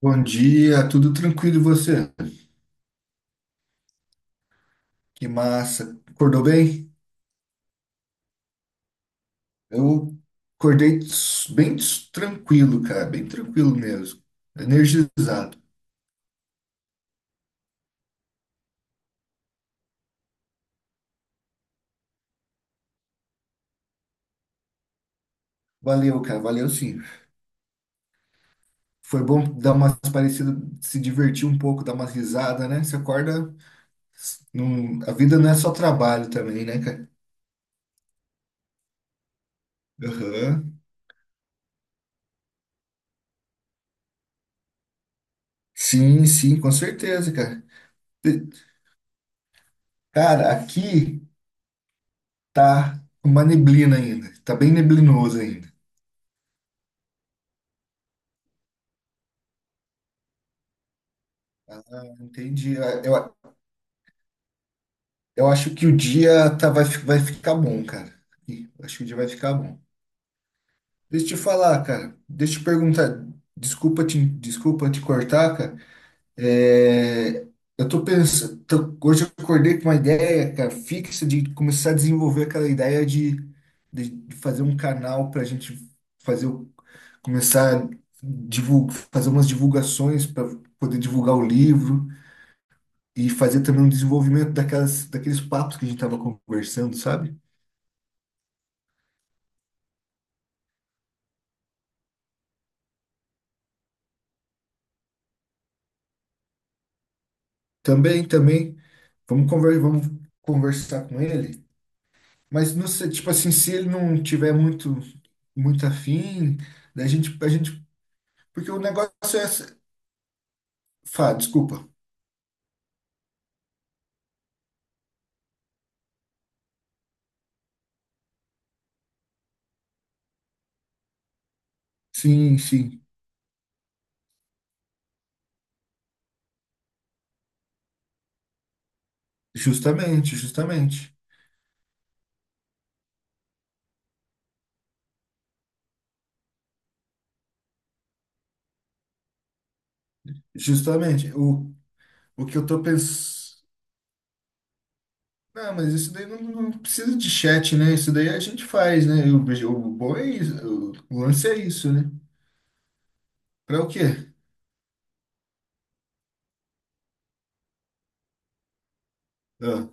Bom dia, tudo tranquilo e você? Que massa. Acordou bem? Eu acordei bem tranquilo, cara, bem tranquilo mesmo. Energizado. Valeu, cara, valeu sim. Foi bom dar umas parecidas, se divertir um pouco, dar umas risadas, né? Você acorda, a vida não é só trabalho também, né, cara? Aham. Sim, sim, com certeza, cara. E, Cara, aqui tá uma neblina ainda, tá bem neblinoso ainda. Ah, entendi. Eu, Eu acho que o dia vai ficar bom, cara. Ih, acho que o dia vai ficar bom. Deixa eu te falar, cara. Deixa eu te perguntar. Desculpa te cortar, cara. É, eu tô pensando. Hoje eu acordei com uma ideia, cara, fixa de começar a desenvolver aquela ideia de fazer um canal pra gente fazer, começar a fazer umas divulgações para poder divulgar o livro e fazer também um desenvolvimento daquelas, daqueles papos que a gente tava conversando, sabe? Também, também. Vamos conversar com ele. Mas não sei, tipo assim, se ele não tiver muito, muito afim, da gente, a gente, porque o negócio é. Desculpa. Sim, sim. Justamente, justamente, justamente. O que eu tô pensando. Não, mas isso daí não, não precisa de chat, né? Isso daí a gente faz, né? O bom é isso. O lance é isso, né? Pra o quê? Ah.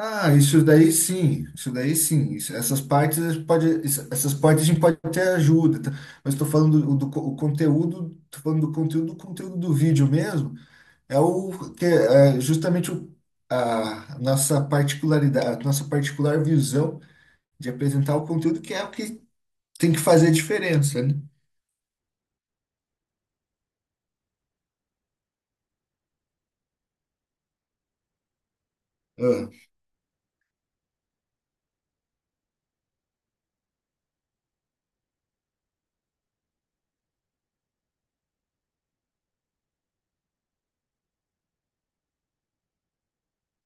Ah, isso daí sim, isso daí sim. Essas partes pode, essas partes a gente pode ter ajuda, tá? Mas estou falando do o conteúdo, tô falando do conteúdo, o conteúdo do vídeo mesmo, é o que é justamente a nossa particularidade, a nossa particular visão de apresentar o conteúdo, que é o que tem que fazer a diferença, né? Ah,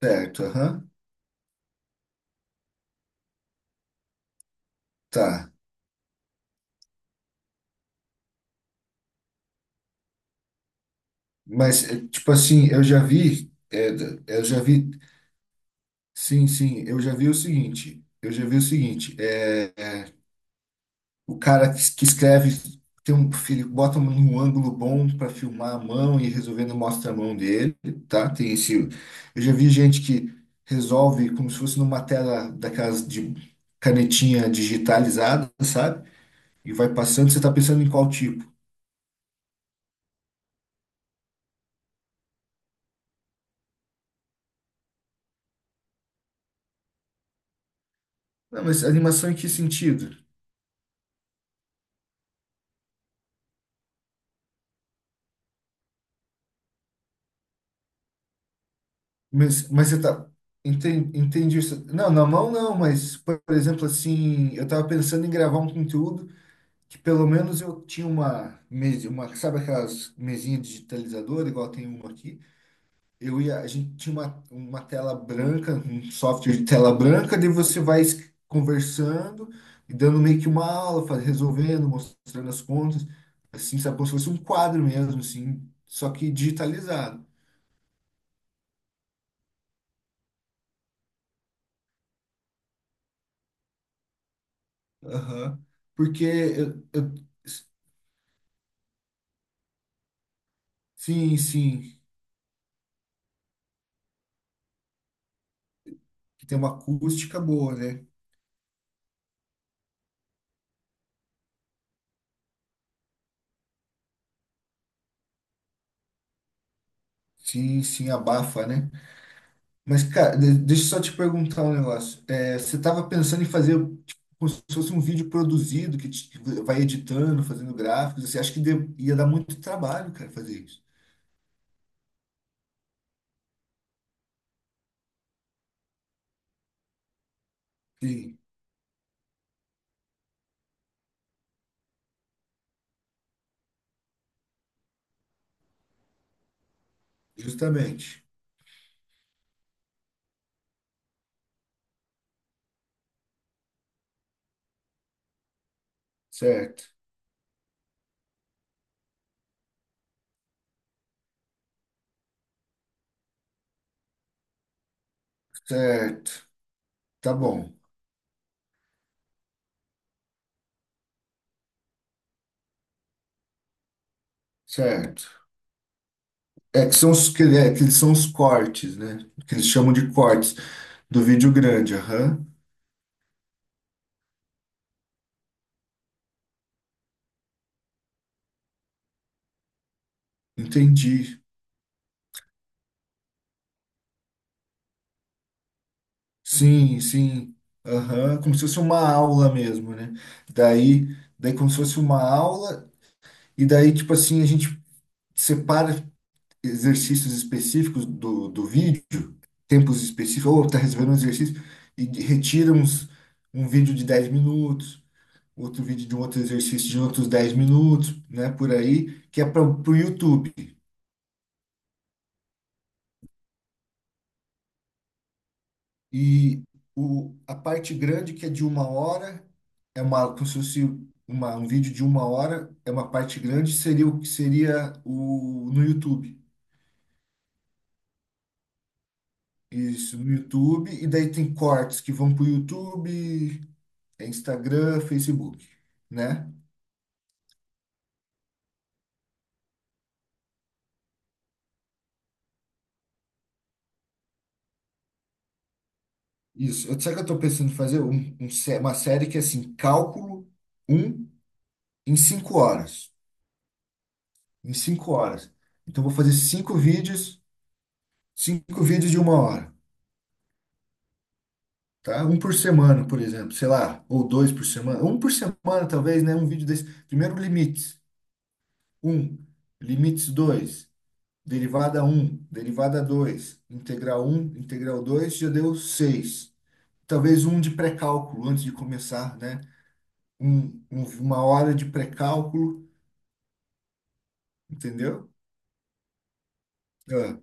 certo, aham, tá. Mas é, tipo assim, eu já vi, sim, sim, eu já vi o seguinte, eu já vi o seguinte. O cara que escreve tem um filho, bota num ângulo bom para filmar a mão e resolvendo mostra a mão dele, tá? Tem esse. Eu já vi gente que resolve como se fosse numa tela daquelas de canetinha digitalizada, sabe? E vai passando, você tá pensando em qual tipo? Não, mas animação em que sentido? Mas você tá. Entendi, entendi isso. Não, na mão não, mas, por exemplo, assim, eu tava pensando em gravar um conteúdo que pelo menos eu tinha uma mesa, sabe aquelas mesinhas digitalizadoras, igual tem uma aqui? Eu ia, a gente tinha uma tela branca, um software de tela branca, daí você vai conversando e dando meio que uma aula, faz resolvendo, mostrando as contas, assim, sabe, como se fosse um quadro mesmo, assim, só que digitalizado. Aham. Porque eu, eu-. Sim, sim, que tem uma acústica boa, né? Sim, sim, abafa, né? Mas, cara, deixa eu só te perguntar um negócio. É, você estava pensando em fazer tipo, como se fosse um vídeo produzido que vai editando, fazendo gráficos. Você acha que ia dar muito trabalho, cara, fazer isso? Sim, justamente. Certo, certo. Tá bom, certo. É que são os cortes, né? Que eles chamam de cortes do vídeo grande. Aham, entendi. Sim, sim. Aham, como se fosse uma aula mesmo, né? Daí. Daí, como se fosse uma aula. E daí, tipo assim, a gente separa exercícios específicos do vídeo, tempos específicos, ou tá resolvendo um exercício, e retira um vídeo de 10 minutos, outro vídeo de um outro exercício de outros 10 minutos, né, por aí, que é para o YouTube. E a parte grande, que é de uma hora, é uma, como se fosse uma, um vídeo de uma hora, é uma parte grande, seria o que seria o, no YouTube. Isso, no YouTube, e daí tem cortes que vão pro YouTube, é Instagram, Facebook, né? Isso. Eu- Sabe o que eu tô pensando em fazer? Uma série que é assim, cálculo um em 5 horas. Em 5 horas. Então eu vou fazer cinco vídeos de uma hora, tá? Um por semana, por exemplo, sei lá, ou dois por semana. Um por semana, talvez, né? Um vídeo desse. Primeiro, limites. Um. Limites dois, derivada um, derivada 2, integral um, integral 2, já deu 6. Talvez um de pré-cálculo antes de começar, né? Uma hora de pré-cálculo, entendeu? Ah,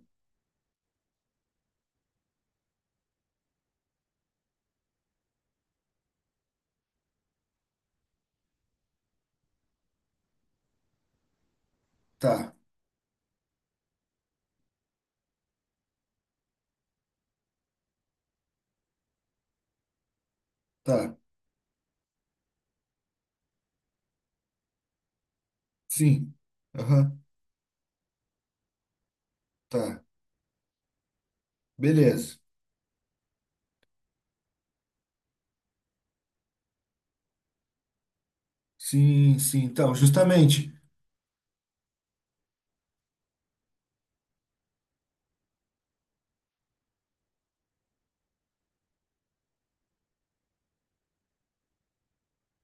tá, tá, sim, aham, tá, beleza. Sim, sim, então, justamente,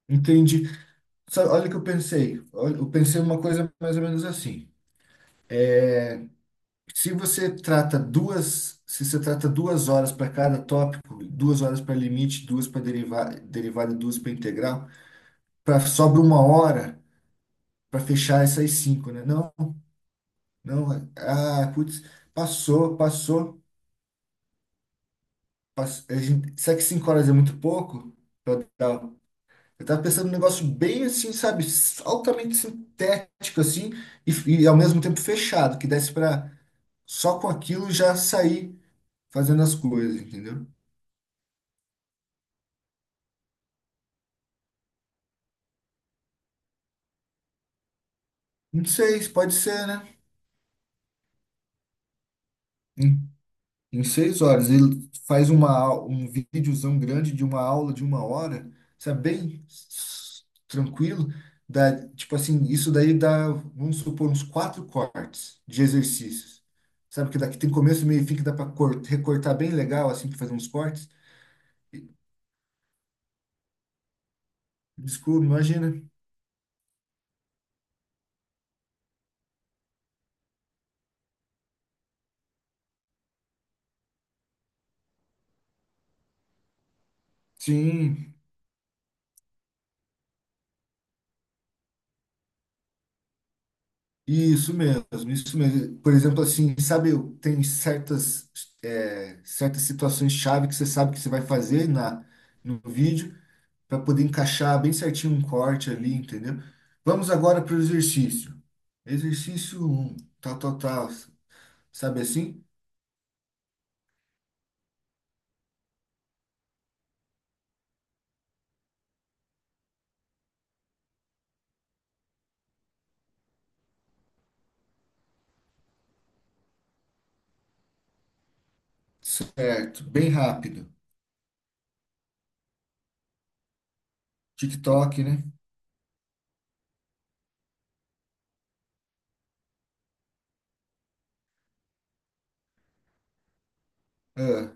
entendi. Sabe, olha o que eu pensei, olha, eu pensei uma coisa mais ou menos assim. Se você trata 2 horas para cada tópico, 2 horas para limite, duas para derivar, derivada, e duas para integral, sobra uma hora para fechar essas cinco, né? Não, não, ah, putz, passou, passou, passou. Será que 5 horas é muito pouco? Eu tava eu tava pensando num negócio bem assim, sabe, altamente sintético assim, e ao mesmo tempo fechado, que desse para só com aquilo já sair fazendo as coisas, entendeu? Em seis, pode ser, né? Em, em 6 horas. Ele faz um videozão grande de uma aula de uma hora, sabe? Bem tranquilo. Dá, tipo assim, isso daí dá, vamos supor, uns quatro cortes de exercícios. Sabe que daqui tem começo, meio e fim que dá para recortar bem legal, assim, para fazer uns cortes. Desculpa, imagina. Sim, isso mesmo, isso mesmo. Por exemplo, assim, sabe, tem certas situações chave que você sabe que você vai fazer no vídeo para poder encaixar bem certinho um corte ali, entendeu? Vamos agora para o exercício. Exercício um, tal, tal, tal. Sabe assim? Certo, bem rápido. TikTok, né? Ah.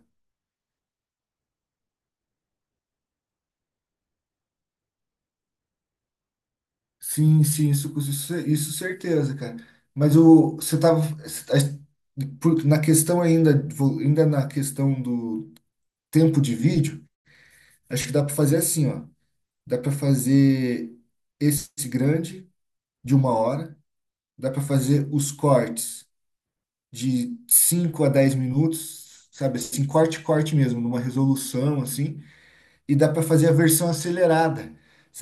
Sim, sim, isso certeza, cara. Mas você tava na questão ainda, ainda na questão do tempo de vídeo, acho que dá para fazer assim, ó. Dá para fazer esse grande de uma hora, dá para fazer os cortes de 5 a 10 minutos, sabe? Assim, corte, corte mesmo, numa resolução assim. E dá para fazer a versão acelerada.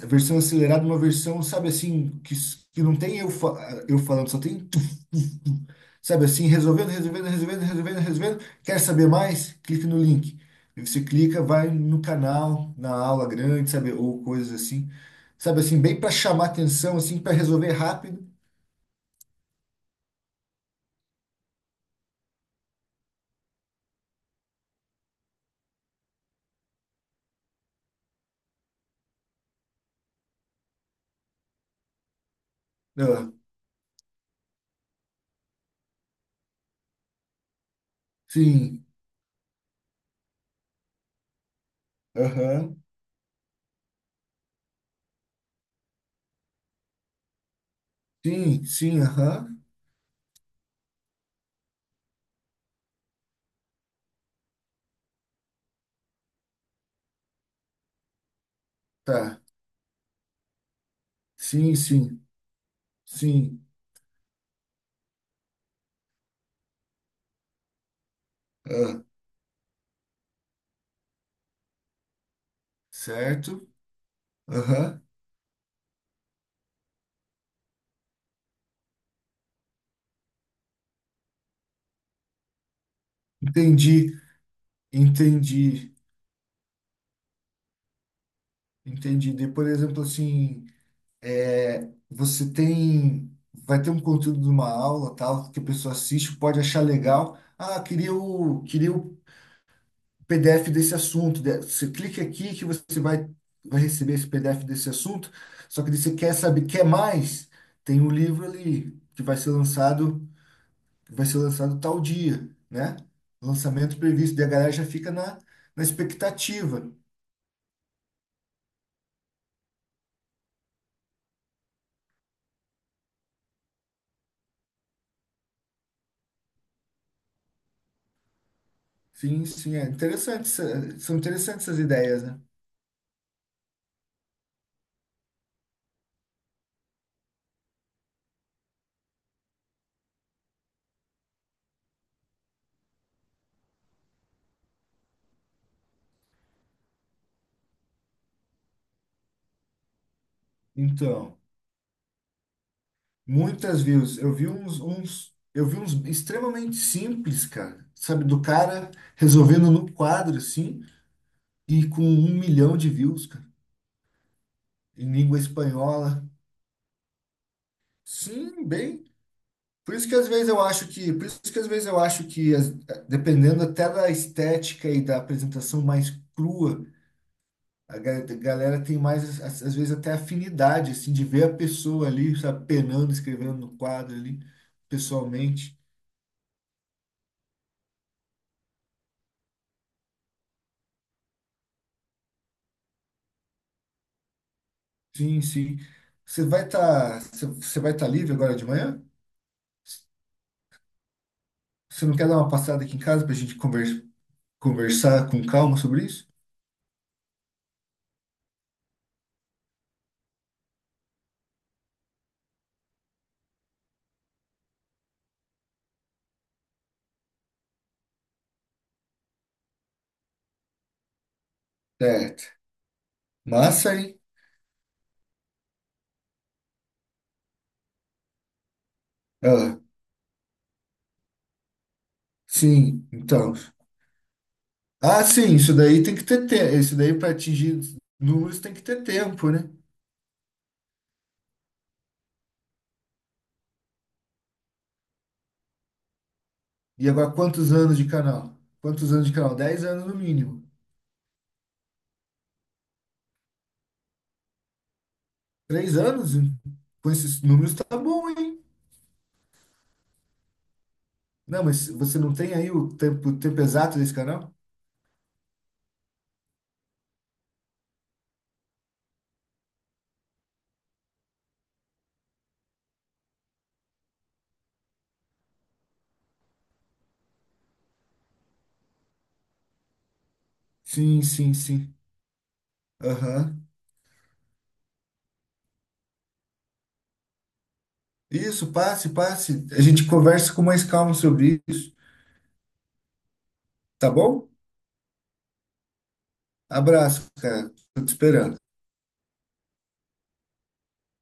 A versão acelerada, é uma versão, sabe assim, que não tem eu, eu falando, só tem tu, tu, tu. Sabe assim, resolvendo, resolvendo, resolvendo, resolvendo, resolvendo. Quer saber mais? Clique no link. Aí você clica, vai no canal, na aula grande, sabe, ou coisas assim. Sabe assim, bem para chamar atenção, assim, para resolver rápido. Ah, sim, aham, sim, sim, aham, tá, sim, sim, sim, ah, certo, aham. Entendi, entendi, entendi. De, por exemplo, assim, é, você tem, vai ter um conteúdo de uma aula, tal, que a pessoa assiste, pode achar legal. Ah, queria o PDF desse assunto. Você clica aqui que você vai receber esse PDF desse assunto. Só que daí você quer saber, quer mais? Tem um livro ali que vai ser lançado, que vai ser lançado tal dia, né? Lançamento previsto. Daí a galera já fica na, na expectativa. Sim, sim, é interessante, são interessantes essas ideias, né? Então, muitas views. Eu vi uns extremamente simples, cara. Sabe, do cara resolvendo no quadro, assim, e com 1 milhão de views, cara, em língua espanhola. Sim, bem. Por isso que às vezes eu acho que, por isso que às vezes eu acho que, dependendo até da estética e da apresentação mais crua. A galera tem mais, às vezes, até afinidade, assim, de ver a pessoa ali, sabe, penando, escrevendo no quadro ali, pessoalmente. Sim, sim. Você vai estar livre agora de manhã? Você não quer dar uma passada aqui em casa pra gente conversar com calma sobre isso? Certo. Massa, hein? Ah, sim, então. Ah, sim, isso daí tem que ter tempo. Isso daí para atingir números tem que ter tempo, né? E agora, quantos anos de canal? Quantos anos de canal? 10 anos no mínimo. 3 anos com esses números tá bom, hein? Não, mas você não tem aí o tempo exato desse canal? Sim, sim, sim. Aham. Isso, passe, passe. A gente conversa com mais calma sobre isso, tá bom? Abraço, cara. Tô te esperando.